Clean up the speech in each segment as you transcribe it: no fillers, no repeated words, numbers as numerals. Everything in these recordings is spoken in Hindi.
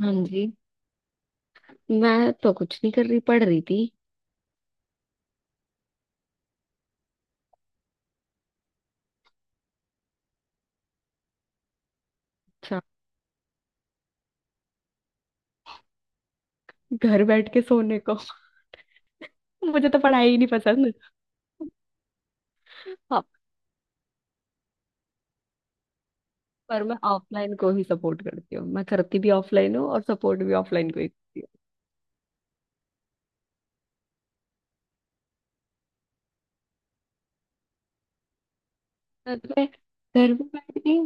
हाँ जी। मैं तो कुछ नहीं कर रही, पढ़ रही थी। अच्छा, घर बैठ के सोने को। मुझे तो पढ़ाई ही नहीं पसंद। हाँ, पर मैं ऑफलाइन को ही सपोर्ट करती हूँ, मैं करती भी ऑफलाइन हूँ और सपोर्ट भी ऑफलाइन को ही करती हूँ। सच में घर में बैठ के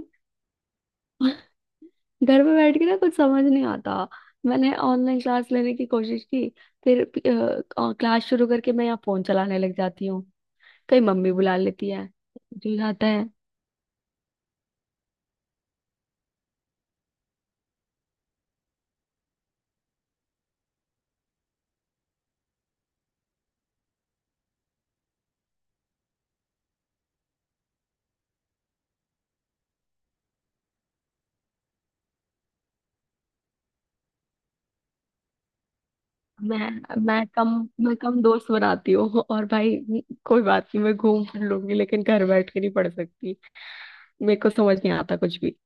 घर में बैठ के ना कुछ समझ नहीं आता। मैंने ऑनलाइन क्लास लेने की कोशिश की, फिर क्लास शुरू करके मैं यहाँ फोन चलाने लग जाती हूँ। कहीं मम्मी बुला लेती है, हो जाता है। मैं मैं कम मैं कम दोस्त बनाती हूँ, और भाई कोई बात नहीं, मैं घूम फिर लूंगी लेकिन घर बैठ के नहीं पढ़ सकती। मेरे को समझ नहीं आता कुछ भी।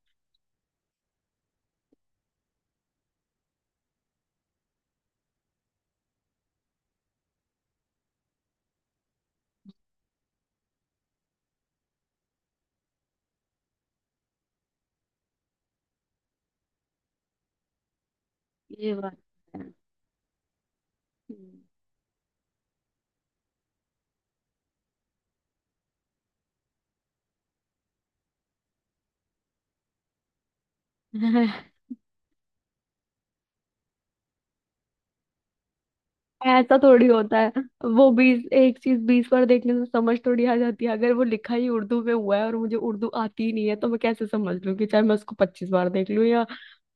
ये बात है। हम्म। ऐसा थोड़ी होता है। वो बीस एक चीज 20 बार देखने से समझ थोड़ी आ जाती है? अगर वो लिखा ही उर्दू में हुआ है और मुझे उर्दू आती ही नहीं है तो मैं कैसे समझ लूंगी, चाहे मैं उसको 25 बार देख लूं या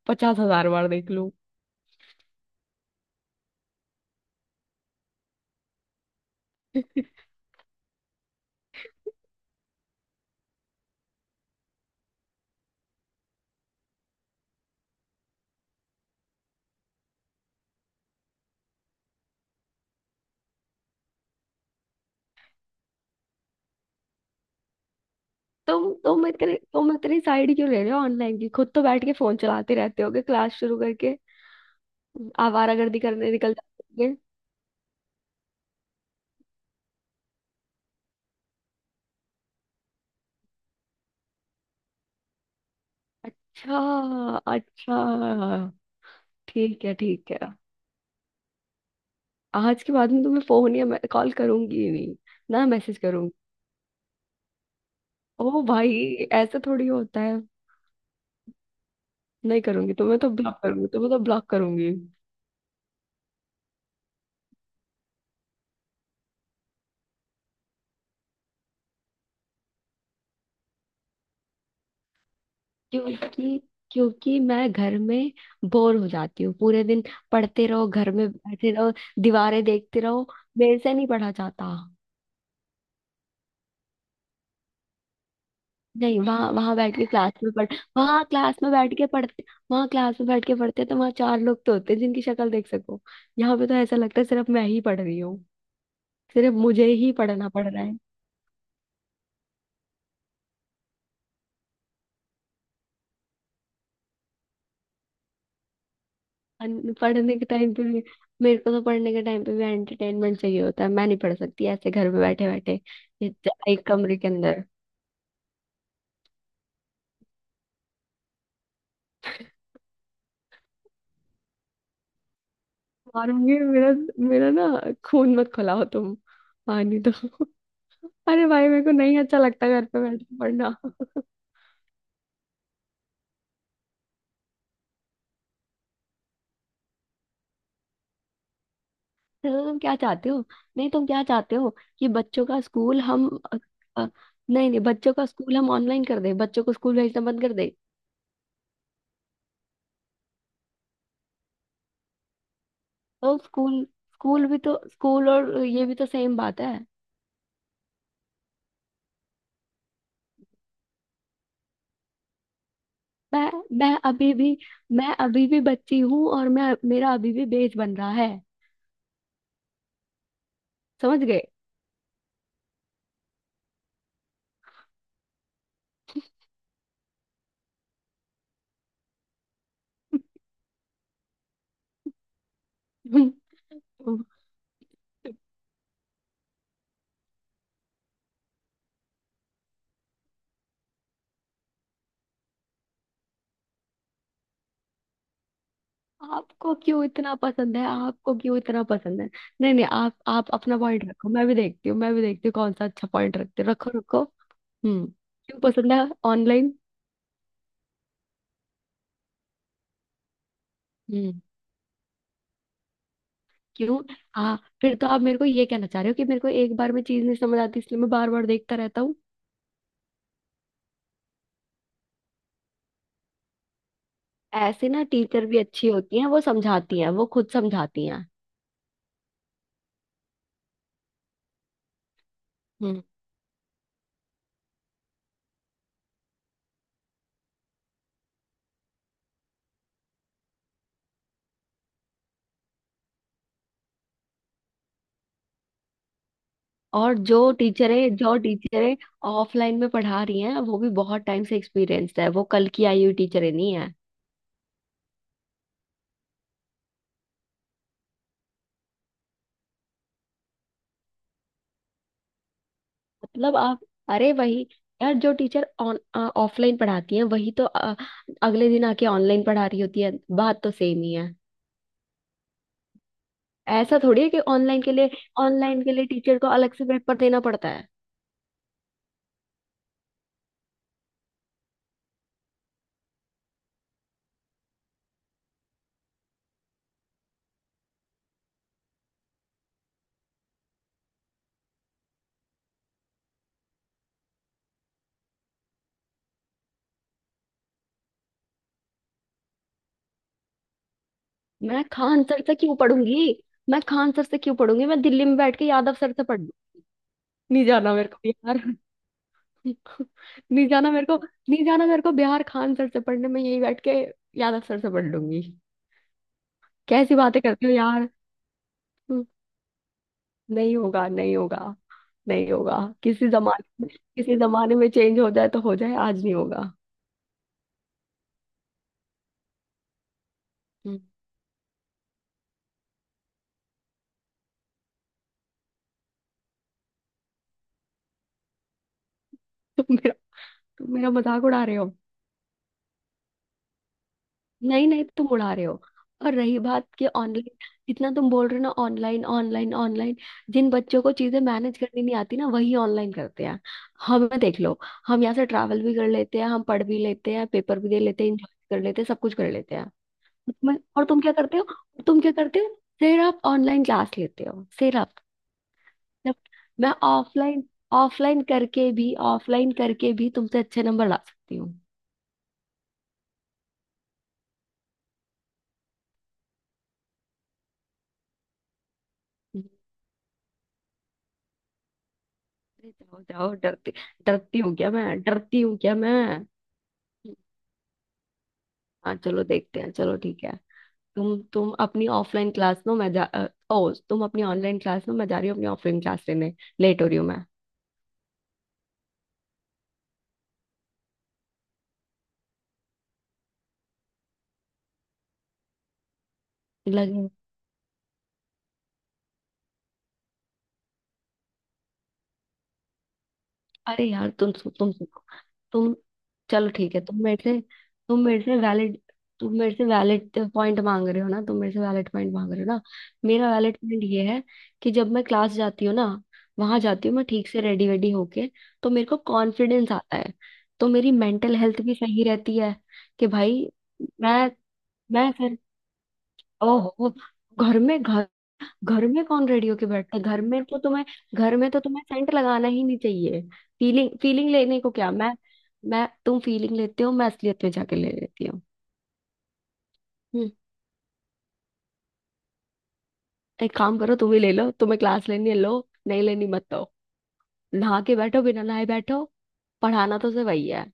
50,000 बार देख लूं। तुम इतनी साइड क्यों ले रहे हो ऑनलाइन की, खुद तो बैठ के फोन चलाते रहते होगे क्लास शुरू करके, आवारागर्दी करने निकल जाते हैं। अच्छा अच्छा। ठीक है ठीक है। आज के बाद में तुम्हें फोन या कॉल करूंगी ही नहीं, ना मैसेज करूंगी। ओ भाई, ऐसा थोड़ी होता है। नहीं करूंगी, तुम्हें तो ब्लॉक करूंगी, तुम्हें तो ब्लॉक करूंगी। क्योंकि क्योंकि मैं घर में बोर हो जाती हूँ, पूरे दिन पढ़ते रहो, घर में बैठे रहो, दीवारें देखते रहो, मेरे से नहीं पढ़ा जाता। नहीं, वहाँ वहाँ बैठ के क्लास में पढ़, वहाँ क्लास में बैठ के पढ़ते, वहाँ क्लास में बैठ के पढ़ते तो वहाँ चार लोग तो होते हैं जिनकी शक्ल देख सको। यहाँ पे तो ऐसा लगता है सिर्फ मैं ही पढ़ रही हूँ, सिर्फ मुझे ही पढ़ना पड़ रहा है। पढ़ने के टाइम पे भी, मेरे को तो पढ़ने के टाइम पे भी एंटरटेनमेंट चाहिए होता है, मैं नहीं पढ़ सकती ऐसे घर में बैठे बैठे एक कमरे के अंदर। मारूंगी मेरा मेरा ना खून मत खिलाओ तुम, पानी दो। अरे भाई, मेरे को नहीं अच्छा लगता घर पे बैठ के पढ़ना। तो तुम क्या चाहते हो, नहीं तुम क्या चाहते हो कि बच्चों का स्कूल हम अ, अ, नहीं नहीं, बच्चों का स्कूल हम ऑनलाइन कर दें, बच्चों को स्कूल भेजना बंद कर दें? तो स्कूल स्कूल भी तो, स्कूल और ये भी तो सेम बात है। मैं मैं अभी भी मैं अभी भी बच्ची हूँ, और मैं मेरा अभी भी बेज बन रहा है, समझ गए? आपको क्यों इतना पसंद है, आपको क्यों इतना पसंद है? नहीं नहीं, आप अपना पॉइंट रखो, मैं भी देखती हूँ, मैं भी देखती हूँ कौन सा अच्छा पॉइंट रखते हो। रखो रखो। हम्म। क्यों पसंद है ऑनलाइन? हम्म। क्यों? हाँ, फिर तो आप मेरे को ये कहना चाह रहे हो कि मेरे को एक बार में चीज नहीं समझ आती, इसलिए मैं बार बार देखता रहता हूँ। ऐसे ना, टीचर भी अच्छी होती हैं, वो समझाती हैं, वो खुद समझाती हैं। हम्म। और जो टीचरें ऑफलाइन में पढ़ा रही हैं वो भी बहुत टाइम से एक्सपीरियंस्ड है, वो कल की आई हुई टीचरें नहीं है। मतलब आप, अरे वही यार, जो टीचर ऑन ऑफलाइन पढ़ाती हैं वही तो अगले दिन आके ऑनलाइन पढ़ा रही होती है, बात तो सेम ही है। ऐसा थोड़ी है कि ऑनलाइन के लिए, ऑनलाइन के लिए टीचर को अलग से पेपर देना पड़ता है। मैं खान सर से क्यों पढ़ूंगी, मैं खान सर से क्यों पढ़ूंगी? मैं दिल्ली में बैठ के यादव सर से पढ़ लूं। नहीं जाना मेरे को बिहार। नहीं जाना मेरे को, नहीं जाना मेरे को बिहार खान सर से पढ़ने में, यही बैठ के यादव सर से पढ़ लूंगी। कैसी बातें करते हो यार। हम्म, नहीं होगा, नहीं होगा, नहीं होगा। किसी जमाने में किसी जमाने में चेंज हो जाए तो हो जाए, आज नहीं होगा। हम्म। तुम मेरा तुम मेरा मजाक उड़ा रहे हो? नहीं नहीं, तुम उड़ा रहे हो। और रही बात कि ऑनलाइन, जितना तुम बोल रहे हो ना, ऑनलाइन ऑनलाइन ऑनलाइन, जिन बच्चों को चीजें मैनेज करनी नहीं आती ना, वही ऑनलाइन करते हैं। हमें देख लो, हम यहाँ से ट्रैवल भी कर लेते हैं, हम पढ़ भी लेते हैं, पेपर भी दे लेते हैं, इंजॉय कर लेते हैं, सब कुछ कर लेते हैं। और तुम क्या करते हो, तुम क्या करते हो, सिर्फ ऑनलाइन क्लास लेते हो सिर्फ? जब मैं ऑफलाइन ऑफलाइन करके भी, ऑफलाइन करके भी तुमसे अच्छे नंबर ला सकती हूँ। अरे जाओ जाओ, डरती डरती हूँ क्या मैं, डरती हूँ क्या मैं? हाँ चलो, देखते हैं, चलो ठीक है। तुम अपनी ऑफलाइन क्लास लो, मैं जा ओ, तुम अपनी ऑनलाइन क्लास लो, मैं जा रही हूँ अपनी ऑफलाइन क्लास लेने, लेट हो रही हूँ मैं। लग अरे यार, तुम सुनो, तुम चलो ठीक है, तुम मेरे से वैलिड तुम मेरे से वैलिड पॉइंट मांग रहे हो ना, तुम मेरे से वैलिड पॉइंट मांग रहे हो ना? मेरा वैलिड पॉइंट ये है, कि जब मैं क्लास जाती हूँ ना, वहां जाती हूँ मैं ठीक से रेडी वेडी होके, तो मेरे को कॉन्फिडेंस आता है, तो मेरी मेंटल हेल्थ भी सही रहती है, कि भाई। मैं मैं फिर ओहो, घर में घर घर में कौन रेडियो के बैठता है? घर में तो तुम्हें, घर में तो तुम्हें सेंट लगाना ही नहीं चाहिए। फीलिंग फीलिंग लेने को क्या मैं, तुम फीलिंग लेते हो, मैं असलियत में जाके ले लेती हूँ। हम्म। एक काम करो, तुम ही ले लो, तुम्हें क्लास लेनी है लो, नहीं लेनी मत दो, नहा के बैठो, बिना नहाए बैठो, पढ़ाना तो सिर्फ वही है।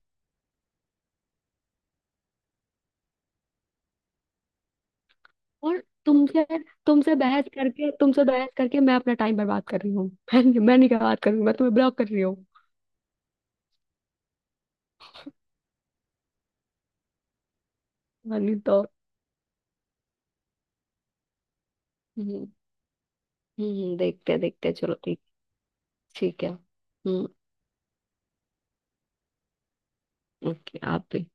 और तुमसे तुमसे बहस करके, तुमसे बहस करके मैं अपना टाइम बर्बाद कर रही हूँ। मैं नहीं, क्या बात कर रही हूँ, मैं तुम्हें ब्लॉक कर रही हूँ। हाँ, नहीं तो। हम्म। हम्म, देखते हैं देखते हैं, चलो ठीक। ठीक है। हम्म। ओके, आप भी।